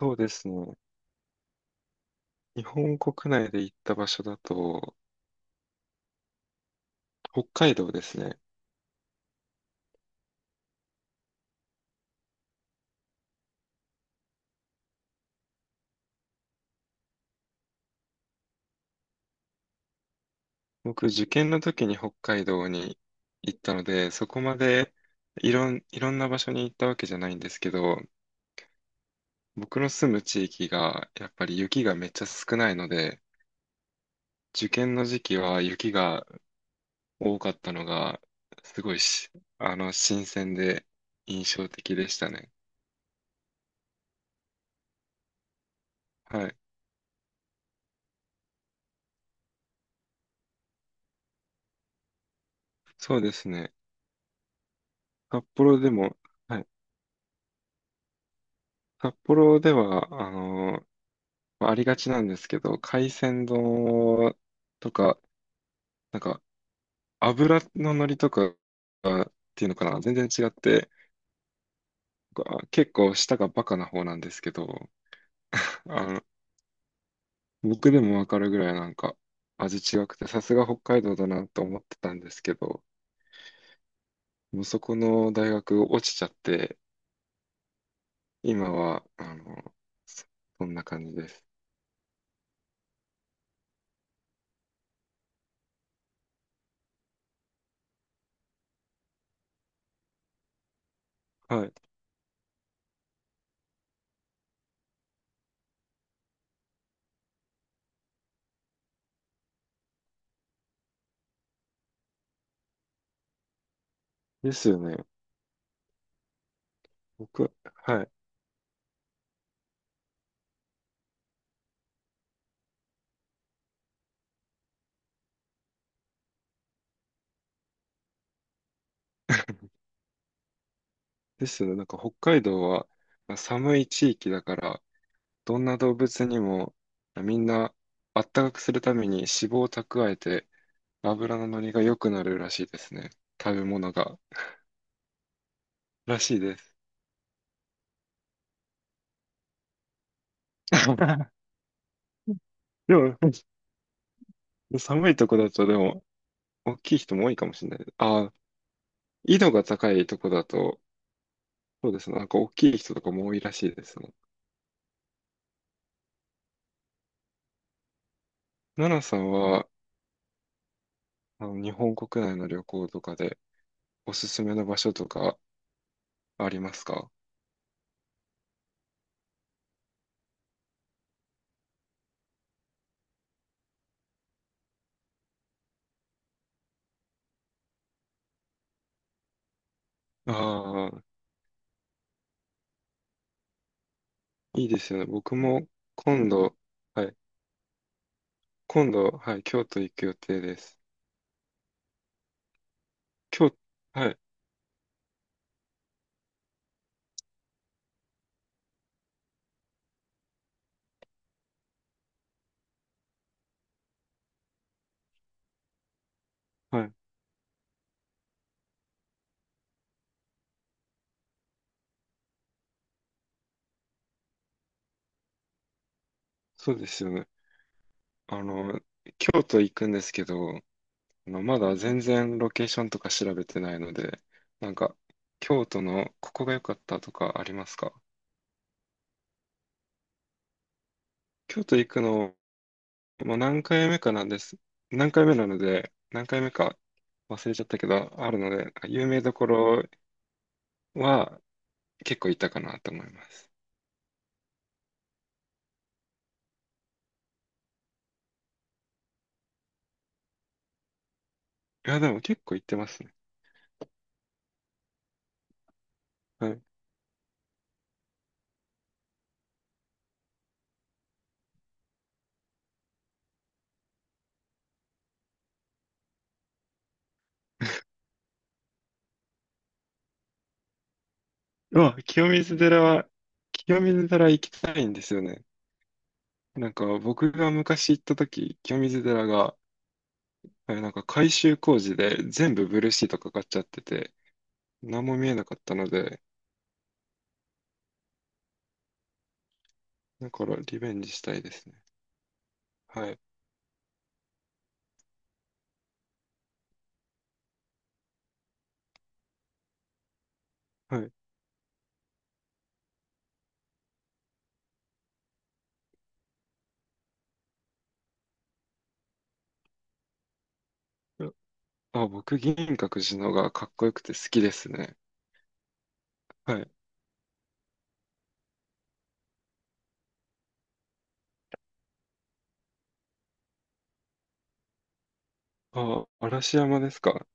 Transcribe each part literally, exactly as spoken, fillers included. そうですね。日本国内で行った場所だと、北海道ですね。僕、受験の時に北海道に行ったので、そこまでいろん、いろんな場所に行ったわけじゃないんですけど、僕の住む地域がやっぱり雪がめっちゃ少ないので、受験の時期は雪が多かったのが、すごいし、あの、新鮮で印象的でしたね。はい。そうですね。札幌でも、はい。札幌では、あのまありがちなんですけど、海鮮丼とか、なんか油の乗りとかっていうのかな、全然違って、あ、結構舌がバカな方なんですけど、あの、僕でもわかるぐらいなんか味違くて、さすが北海道だなと思ってたんですけど、もうそこの大学落ちちゃって、今は、あの、そそんな感じです。はい。ですよね。僕、はい。ですよね。なんか北海道はまあ寒い地域だから、どんな動物にもみんなあったかくするために脂肪を蓄えて脂の乗りが良くなるらしいですね。食べ物が。らしいです。でも、寒いとこだとでも、大きい人も多いかもしれない。ああ、緯度が高いとこだと、そうですね。なんか大きい人とかも多いらしいですね。奈々さんは、あの、日本国内の旅行とかでおすすめの場所とかありますか？ああー、いいですよね。僕も今度、はい。今度、はい、京都行く予定です。京、はい、はい、そうですよね。あの、京都行くんですけど、あの、まだ全然ロケーションとか調べてないので、なんか、京都のここが良かったとかありますか？京都行くの、もう何回目かなんです。何回目なので、何回目か忘れちゃったけど、あるので、有名どころは結構行ったかなと思います。いや、でも結構行ってますね。まあ、清水寺は、清水寺行きたいんですよね。なんか僕が昔行った時、清水寺が、えなんか改修工事で全部ブルーシートかかっちゃってて、何も見えなかったので、だからリベンジしたいですね。はい。はい。あ、僕、銀閣寺のがかっこよくて好きですね。はい。あ、嵐山ですか。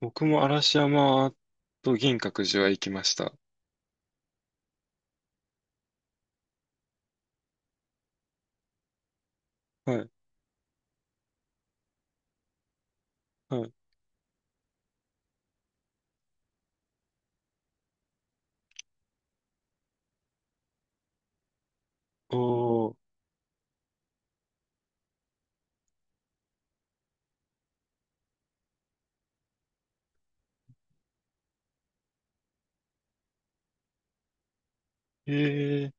僕も嵐山と銀閣寺は行きました。はい。はい。おー。え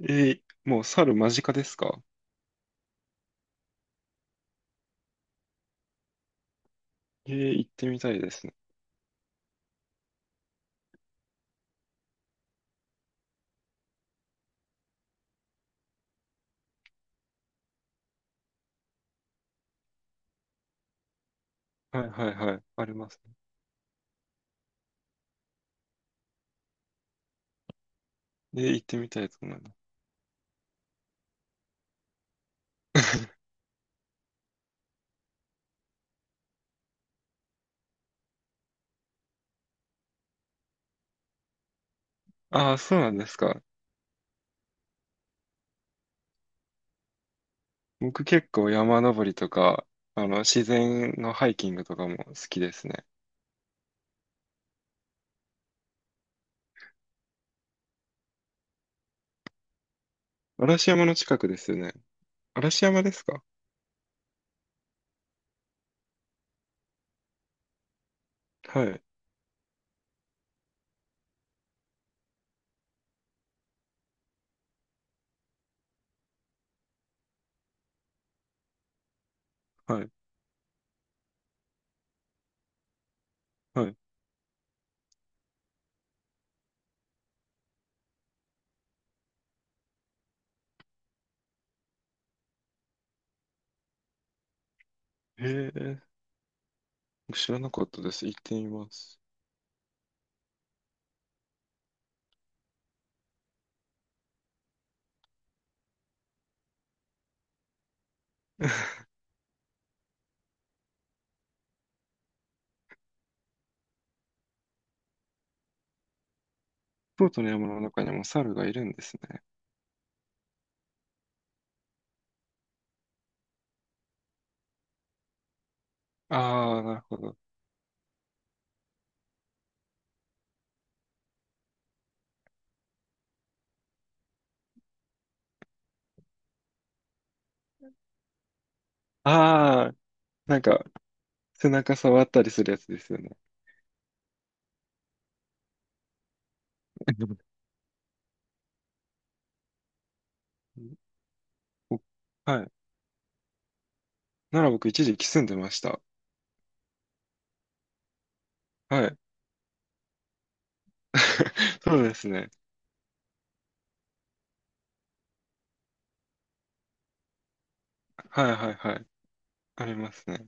ー、えー、もう猿間近ですか？えー、行ってみたいですね。はいはいはい。ありますね。えー、行ってみたいと思います。ああ、そうなんですか。僕結構山登りとか、あの、自然のハイキングとかも好きですね。嵐山の近くですよね。嵐山ですか？はい、はい、はい。へえ、僕知らなかったです。行ってみます。京都の山の中にも猿がいるんですね。ああ、なるほど。ああ、なんか、背中触ったりするやつですよね。うん。お、はい。なら僕一時期住んでました。はい。そうですね。はいはいはい。ありますね。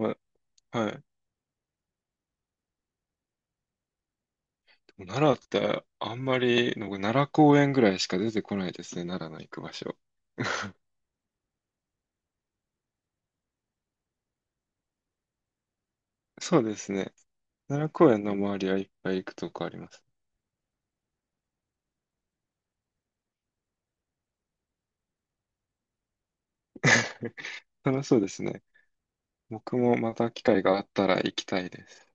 やっぱはい。でも奈良ってあんまり、なんか奈良公園ぐらいしか出てこないですね。奈良の行く場所。そうですね。奈良公園の周りはいっぱい行くとこあります。楽しそうですね。僕もまた機会があったら行きたいです。